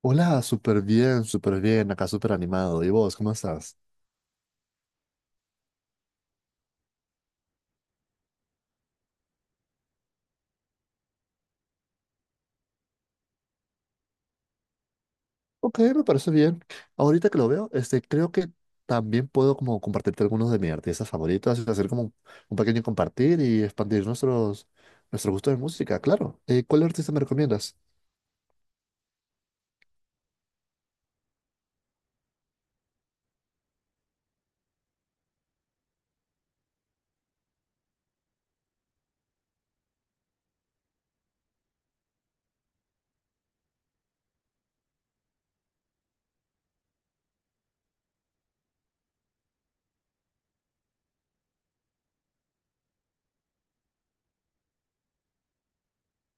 Hola, súper bien, acá súper animado. ¿Y vos, cómo estás? Ok, me parece bien. Ahorita que lo veo, creo que también puedo como compartirte algunos de mis artistas favoritos, y hacer como un pequeño compartir y expandir nuestro gusto de música, claro. ¿Cuál artista me recomiendas?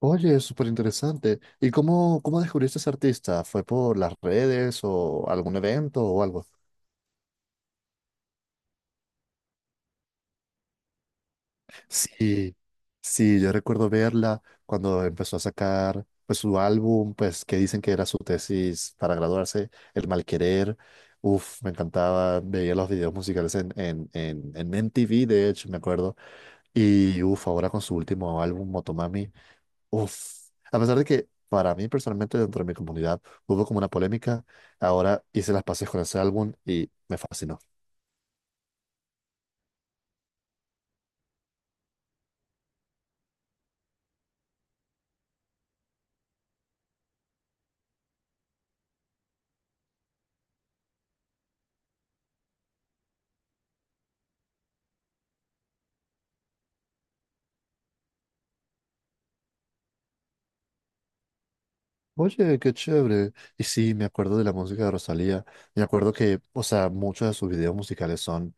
Oye, súper interesante. ¿Y cómo descubriste ese artista? ¿Fue por las redes o algún evento o algo? Sí, sí, yo recuerdo verla cuando empezó a sacar pues su álbum, pues que dicen que era su tesis para graduarse, El Malquerer. Uf, me encantaba, veía los videos musicales en MTV, de hecho, me acuerdo. Y uf, ahora con su último álbum, Motomami, uf, a pesar de que para mí personalmente dentro de mi comunidad hubo como una polémica, ahora hice las paces con ese álbum y me fascinó. Oye, qué chévere. Y sí, me acuerdo de la música de Rosalía. Me acuerdo que, o sea, muchos de sus videos musicales son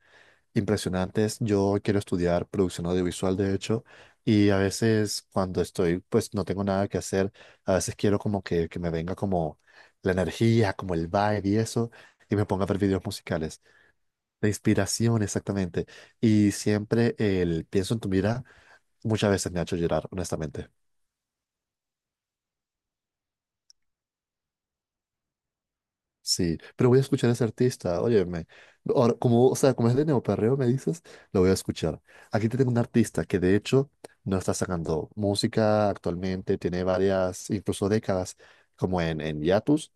impresionantes. Yo quiero estudiar producción audiovisual, de hecho, y a veces cuando estoy, pues no tengo nada que hacer, a veces quiero como que me venga como la energía, como el vibe y eso, y me ponga a ver videos musicales. La inspiración, exactamente. Y siempre el pienso en tu mirada, muchas veces me ha hecho llorar, honestamente. Sí, pero voy a escuchar a ese artista, óyeme. Ahora, como, o sea, como es de neoperreo, me dices, lo voy a escuchar. Aquí te tengo un artista que de hecho no está sacando música actualmente, tiene varias, incluso décadas, como en hiatus,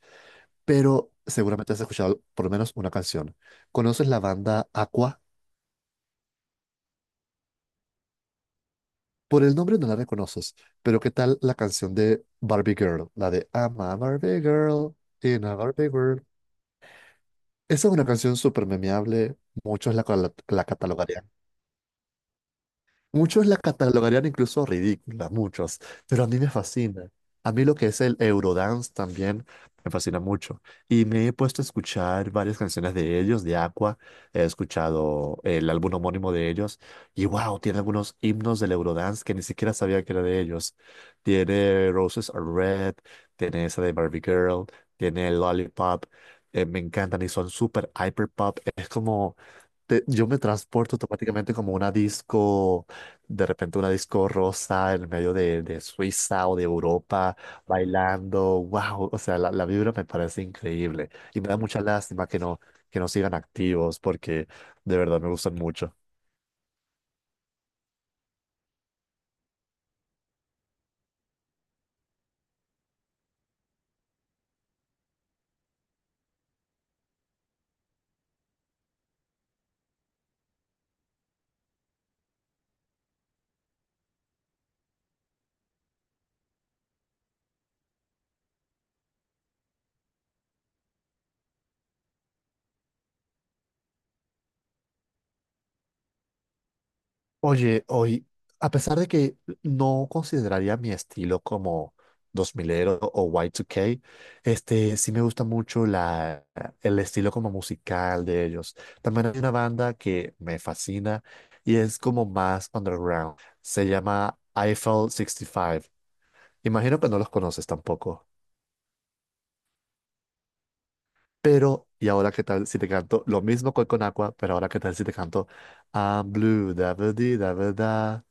pero seguramente has escuchado por lo menos una canción. ¿Conoces la banda Aqua? Por el nombre no la reconoces, pero ¿qué tal la canción de Barbie Girl? La de I'm a Barbie Girl in a Barbie World. Esa es una canción súper memeable, muchos la catalogarían. Muchos la catalogarían incluso ridícula, muchos, pero a mí me fascina. A mí lo que es el Eurodance también me fascina mucho. Y me he puesto a escuchar varias canciones de ellos, de Aqua. He escuchado el álbum homónimo de ellos. Y wow, tiene algunos himnos del Eurodance que ni siquiera sabía que era de ellos. Tiene Roses Are Red, tiene esa de Barbie Girl, tiene Lollipop. Me encantan y son súper hyper pop. Es como yo me transporto automáticamente como una disco, de repente una disco rosa en medio de Suiza o de Europa, bailando, wow, o sea, la vibra me parece increíble y me da mucha lástima que no sigan activos porque de verdad me gustan mucho. Oye, hoy, a pesar de que no consideraría mi estilo como dos milero o Y2K, sí me gusta mucho el estilo como musical de ellos. También hay una banda que me fascina y es como más underground. Se llama Eiffel 65. Imagino que no los conoces tampoco. Pero, ¿y ahora qué tal si te canto lo mismo que con Aqua, pero ahora qué tal si te canto I'm blue, da ba dee, da ba da?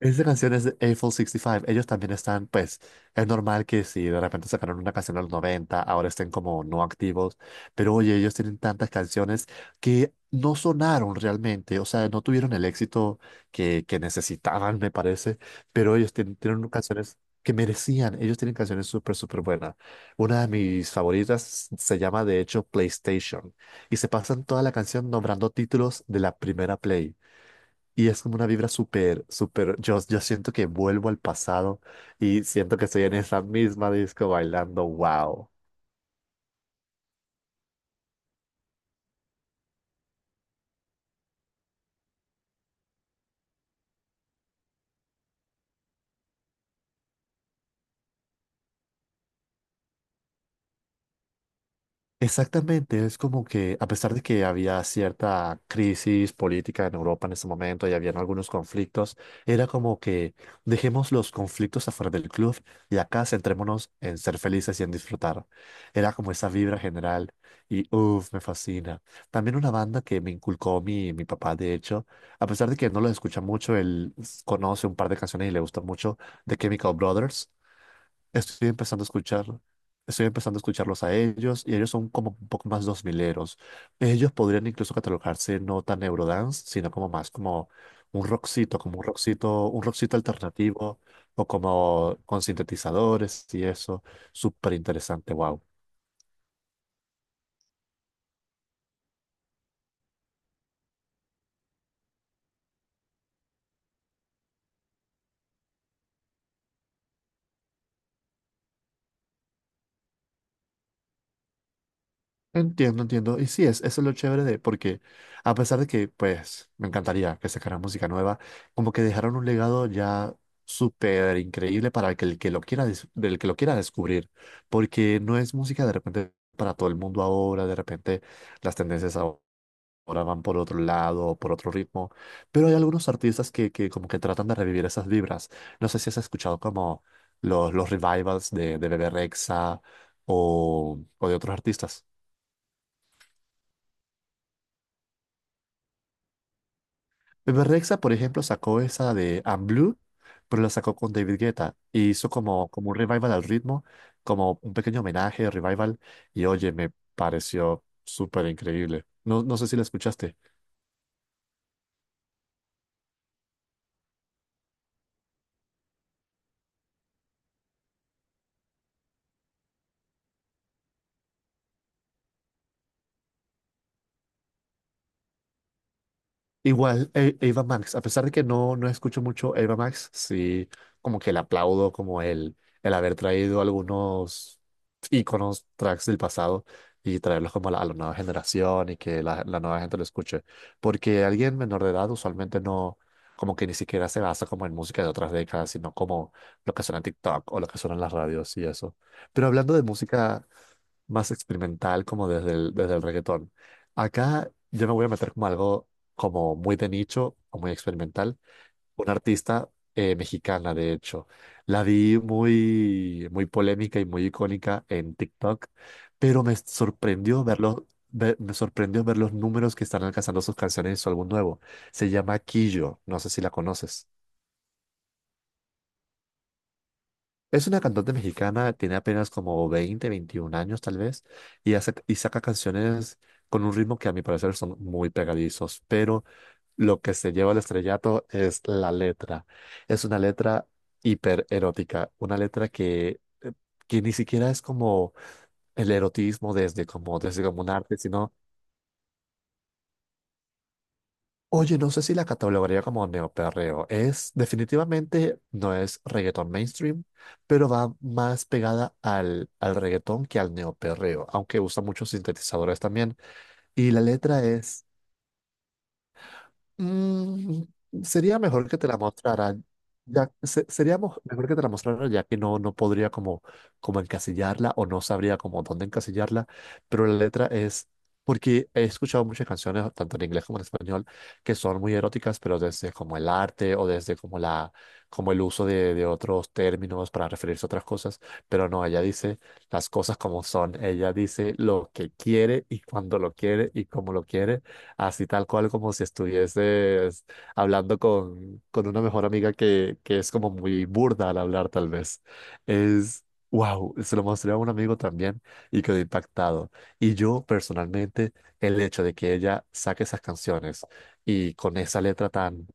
Esta canción es de Eiffel 65. Ellos también están, pues, es normal que si de repente sacaron una canción en los 90, ahora estén como no activos. Pero oye, ellos tienen tantas canciones que no sonaron realmente. O sea, no tuvieron el éxito que necesitaban, me parece. Pero ellos tienen canciones que merecían. Ellos tienen canciones súper, súper buenas. Una de mis favoritas se llama, de hecho, PlayStation. Y se pasan toda la canción nombrando títulos de la primera Play. Y es como una vibra súper, súper, yo siento que vuelvo al pasado y siento que estoy en esa misma disco bailando, wow. Exactamente, es como que a pesar de que había cierta crisis política en Europa en ese momento y habían algunos conflictos, era como que dejemos los conflictos afuera del club y acá centrémonos en ser felices y en disfrutar. Era como esa vibra general y uff, me fascina. También una banda que me inculcó mi papá, de hecho, a pesar de que no lo escucha mucho, conoce un par de canciones y le gusta mucho, The Chemical Brothers. Estoy empezando a escuchar, estoy empezando a escucharlos a ellos y ellos son como un poco más dos mileros. Ellos podrían incluso catalogarse no tan eurodance, sino como más como un rockcito alternativo o como con sintetizadores y eso. Súper interesante, wow. Entiendo, entiendo. Y sí, es, eso es lo chévere porque a pesar de que, pues, me encantaría que sacaran música nueva, como que dejaron un legado ya súper increíble para que el que lo quiera, dis- del que lo quiera descubrir, porque no es música de repente para todo el mundo ahora, de repente las tendencias ahora van por otro lado o por otro ritmo, pero hay algunos artistas que como que tratan de revivir esas vibras. No sé si has escuchado como los revivals de Bebe Rexha o de otros artistas. Rexa, por ejemplo, sacó esa de I'm Blue, pero la sacó con David Guetta y hizo como, como un revival al ritmo, como un pequeño homenaje, revival, y oye, me pareció súper increíble. No, no sé si la escuchaste. Igual, Ava Max, a pesar de que no, no escucho mucho Ava Max, sí, como que le aplaudo como el haber traído algunos íconos, tracks del pasado y traerlos como a a la nueva generación y que la nueva gente lo escuche. Porque alguien menor de edad usualmente no, como que ni siquiera se basa como en música de otras décadas, sino como lo que suena en TikTok o lo que suena en las radios y eso. Pero hablando de música más experimental, como desde desde el reggaetón, acá yo me voy a meter como algo como muy de nicho o muy experimental. Una artista mexicana, de hecho. La vi muy, muy polémica y muy icónica en TikTok, pero me sorprendió verlo. Me sorprendió ver los números que están alcanzando sus canciones en su álbum nuevo. Se llama Quillo, no sé si la conoces. Es una cantante mexicana, tiene apenas como 20, 21 años tal vez, y saca canciones con un ritmo que a mi parecer son muy pegadizos, pero lo que se lleva al estrellato es la letra. Es una letra hipererótica, una letra que ni siquiera es como el erotismo desde como un arte, sino, oye, no sé si la catalogaría como neoperreo. Definitivamente, no es reggaetón mainstream, pero va más pegada al reggaetón que al neoperreo, aunque usa muchos sintetizadores también. Y la letra es, mm, sería mejor que te la mostrara. Ya, sería mejor que te la mostrara ya que no podría como, encasillarla o no sabría como dónde encasillarla, pero la letra es, porque he escuchado muchas canciones, tanto en inglés como en español, que son muy eróticas, pero desde como el arte o desde como como el uso de otros términos para referirse a otras cosas, pero no, ella dice las cosas como son, ella dice lo que quiere y cuando lo quiere y cómo lo quiere así tal cual como si estuvieses hablando con una mejor amiga que es como muy burda al hablar tal vez. Es, wow, se lo mostré a un amigo también y quedó impactado. Y yo personalmente, el hecho de que ella saque esas canciones y con esa letra tan,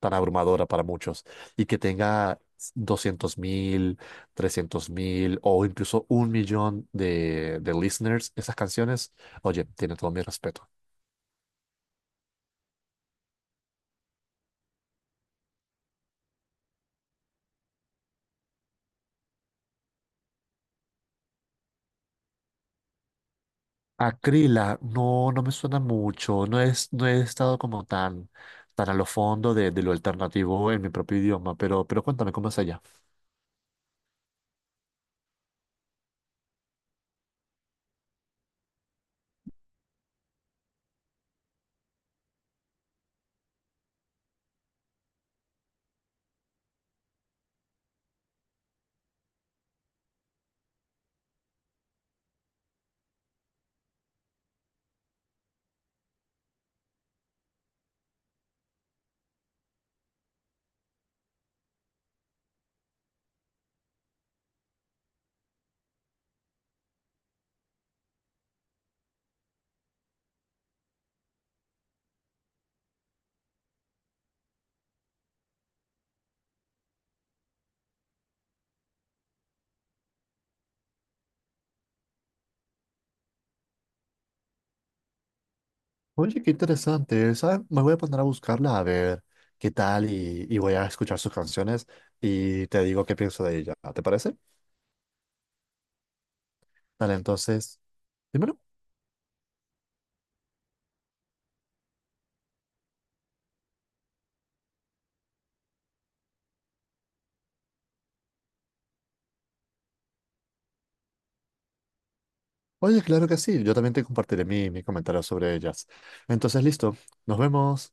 tan abrumadora para muchos y que tenga 200.000, 300.000 o incluso un millón de listeners, esas canciones, oye, tiene todo mi respeto. Acrila, no, no me suena mucho. No es, no he estado como tan, tan a lo fondo de lo alternativo en mi propio idioma, pero, cuéntame cómo es allá. Oye, qué interesante. ¿Sabes? Me voy a poner a buscarla a ver qué tal y voy a escuchar sus canciones y te digo qué pienso de ella. ¿Te parece? Dale, entonces, dímelo. Oye, claro que sí. Yo también te compartiré mi comentario sobre ellas. Entonces, listo. Nos vemos.